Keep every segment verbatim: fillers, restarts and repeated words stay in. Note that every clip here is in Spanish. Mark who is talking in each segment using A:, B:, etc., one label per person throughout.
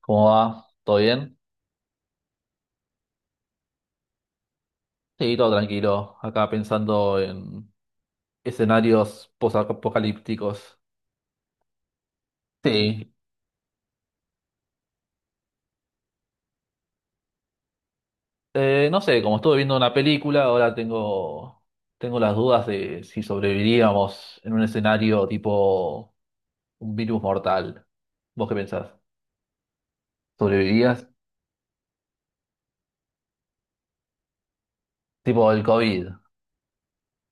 A: ¿Cómo va? ¿Todo bien? Sí, todo tranquilo. Acá pensando en escenarios posapocalípticos. Sí. Eh, no sé, como estuve viendo una película, ahora tengo, tengo las dudas de si sobreviviríamos en un escenario tipo un virus mortal. ¿Vos qué pensás? ¿Sobrevivirías? Tipo el COVID.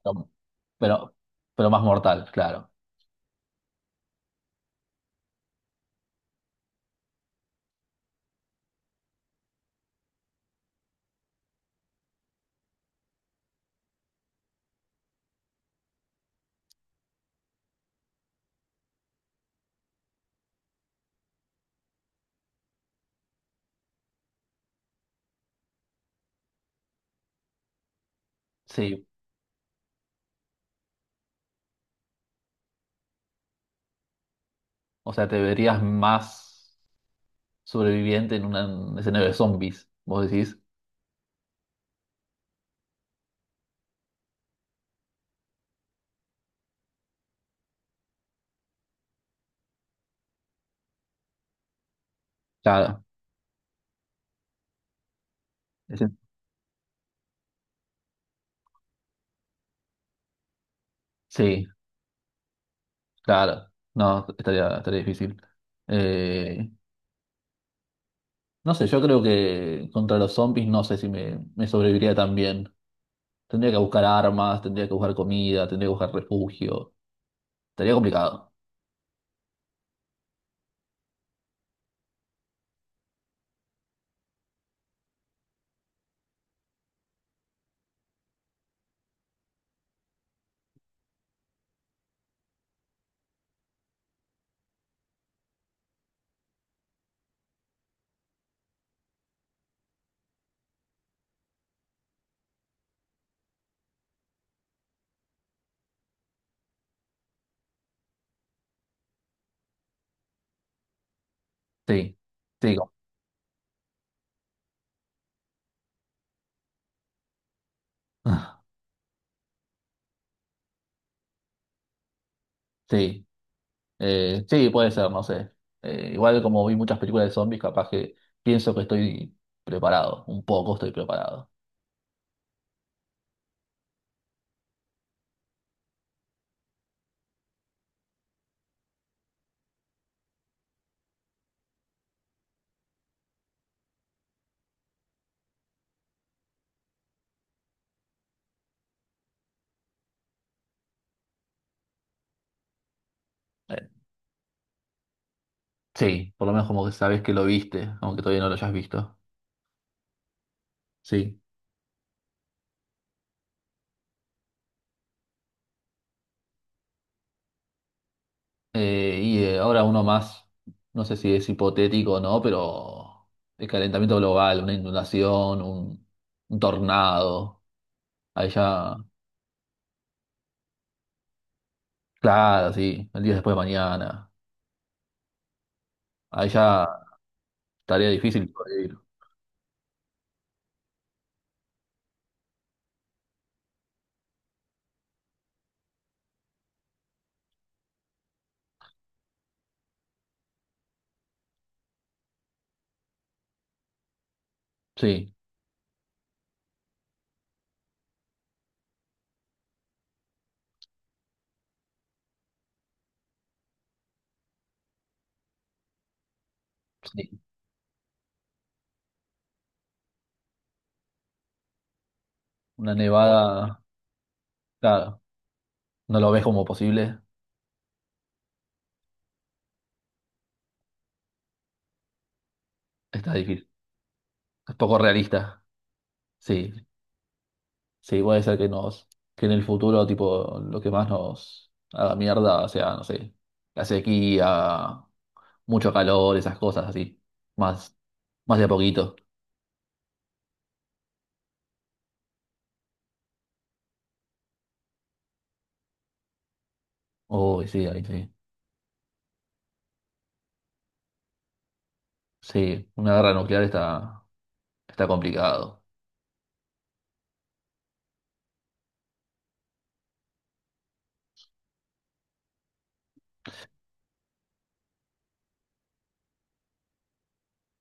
A: Pero, pero, pero más mortal, claro. Sí. O sea, te verías más sobreviviente en una- un escenario de zombies, vos decís. Claro. Ese- Sí, claro. No, estaría, estaría difícil. Eh, no sé, yo creo que contra los zombies no sé si me, me sobreviviría también. Tendría que buscar armas, tendría que buscar comida, tendría que buscar refugio. Sería complicado. Sí, sí, co- sí. Eh, sí, puede ser, no sé. Eh, igual como vi muchas películas de zombies, capaz que pienso que estoy preparado. Un poco estoy preparado. Eh, sí, por lo menos como que sabes que lo viste, aunque todavía no lo hayas visto. Sí. Eh, y eh, ahora uno más, no sé si es hipotético o no, pero el calentamiento global, una inundación, un, un tornado. Allá. Claro, sí, el día después de mañana. Ahí ya estaría difícil sobrevivir. Sí, sí. Una nevada, claro, no lo ves como posible, está difícil. Es poco realista. Sí, sí, puede ser que nos, que en el futuro, tipo, lo que más nos haga mierda sea, no sé, la sequía, mucho calor, esas cosas así. Más, más de a poquito. Uy, sí, ahí sí. Sí, una guerra nuclear está, está complicado.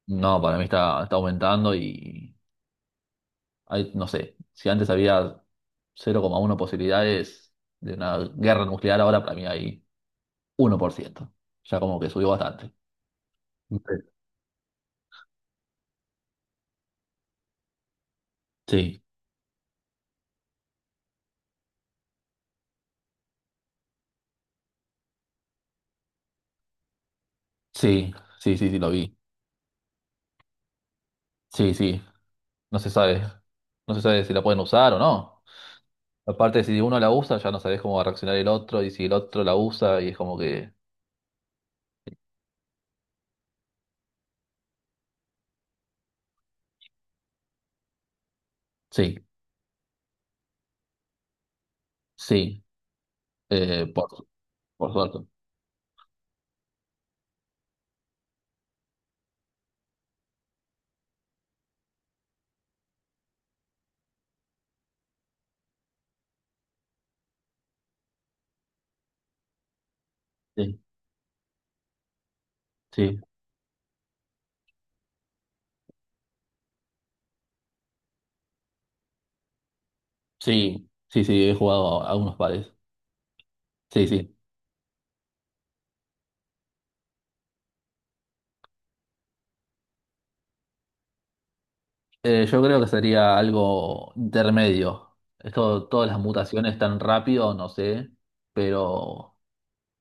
A: No, para mí está, está aumentando y. Hay, no sé, si antes había cero coma uno posibilidades de una guerra nuclear, ahora para mí hay uno por ciento. Ya como que subió bastante. Sí, sí, sí, sí, sí, lo vi. Sí, sí, no se sabe. No se sabe si la pueden usar o no. Aparte, si uno la usa, ya no sabes cómo va a reaccionar el otro, y si el otro la usa, y es como que... Sí, sí, eh, por, por suerte. Sí, sí, sí, sí, sí, he jugado a, a unos pares. Sí, sí. Eh, yo creo que sería algo intermedio. Esto, todas las mutaciones tan rápido, no sé, pero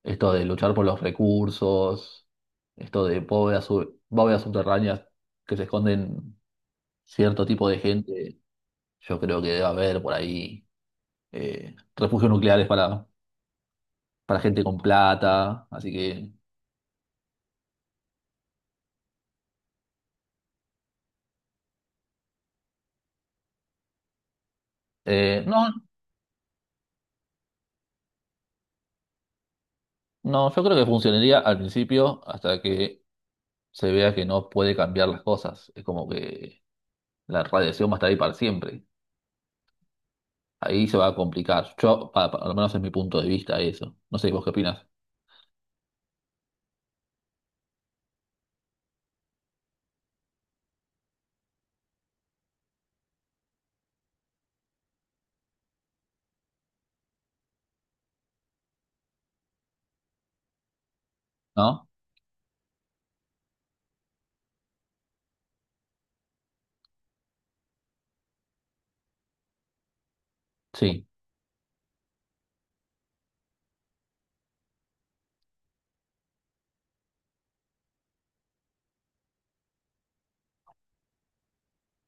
A: esto de luchar por los recursos, esto de bóvedas, sub- bóvedas subterráneas que se esconden cierto tipo de gente, yo creo que debe haber por ahí eh, refugios nucleares para, para gente con plata, así que eh, no, no, yo creo que funcionaría al principio hasta que se vea que no puede cambiar las cosas. Es como que la radiación va a estar ahí para siempre. Ahí se va a complicar. Yo, pa- pa- al menos es mi punto de vista eso. No sé, ¿vos qué opinás? ¿No? Sí,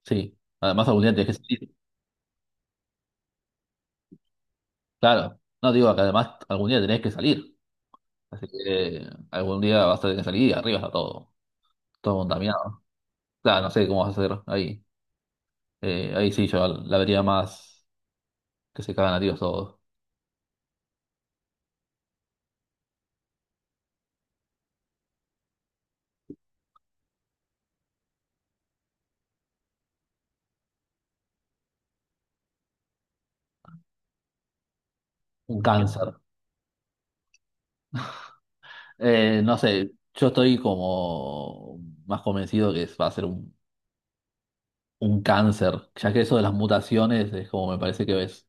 A: sí. Además algún día tenés que salir. Claro. No digo que además algún día tenés que salir. Así que eh, algún día vas a tener que salir y arriba está todo. Todo contaminado. Claro, no sé cómo vas a hacer ahí. Eh, ahí sí yo la vería más que se cagan a tiros todos. Un cáncer. Eh, no sé, yo estoy como más convencido que va a ser un un cáncer, ya que eso de las mutaciones es como me parece que ves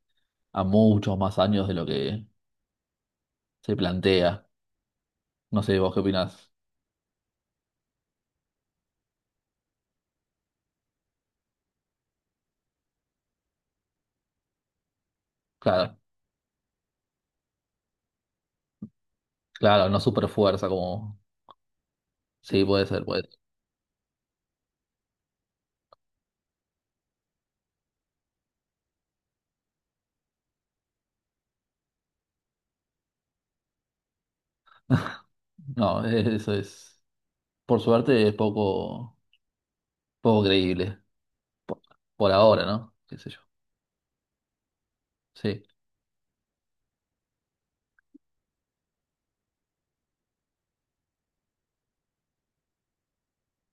A: a muchos más años de lo que se plantea. No sé, vos qué opinás. Claro, claro, no super fuerza como... Sí, puede ser, puede ser. No, e- eso es... Por suerte es poco, poco creíble, por ahora, ¿no? ¿Qué sé yo? Sí.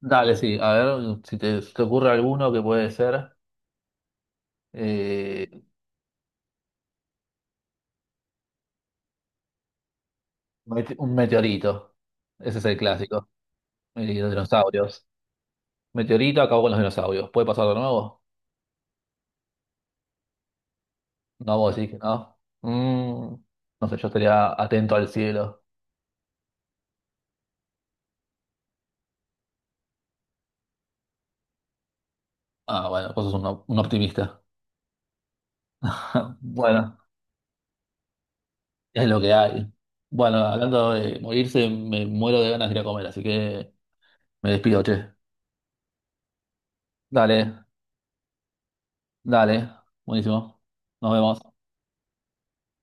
A: Dale, sí, a ver si te, te ocurre alguno que puede ser eh, mete- un meteorito. Ese es el clásico. Y los dinosaurios. Meteorito acabó con los dinosaurios. ¿Puede pasar de nuevo? No, vos decís que no. Mm, no sé, yo estaría atento al cielo. Ah, bueno, vos sos un, op- un optimista. Bueno, es lo que hay. Bueno, hablando de morirse, me muero de ganas de ir a comer, así que me despido, che. Dale, dale. Buenísimo. Nos vemos.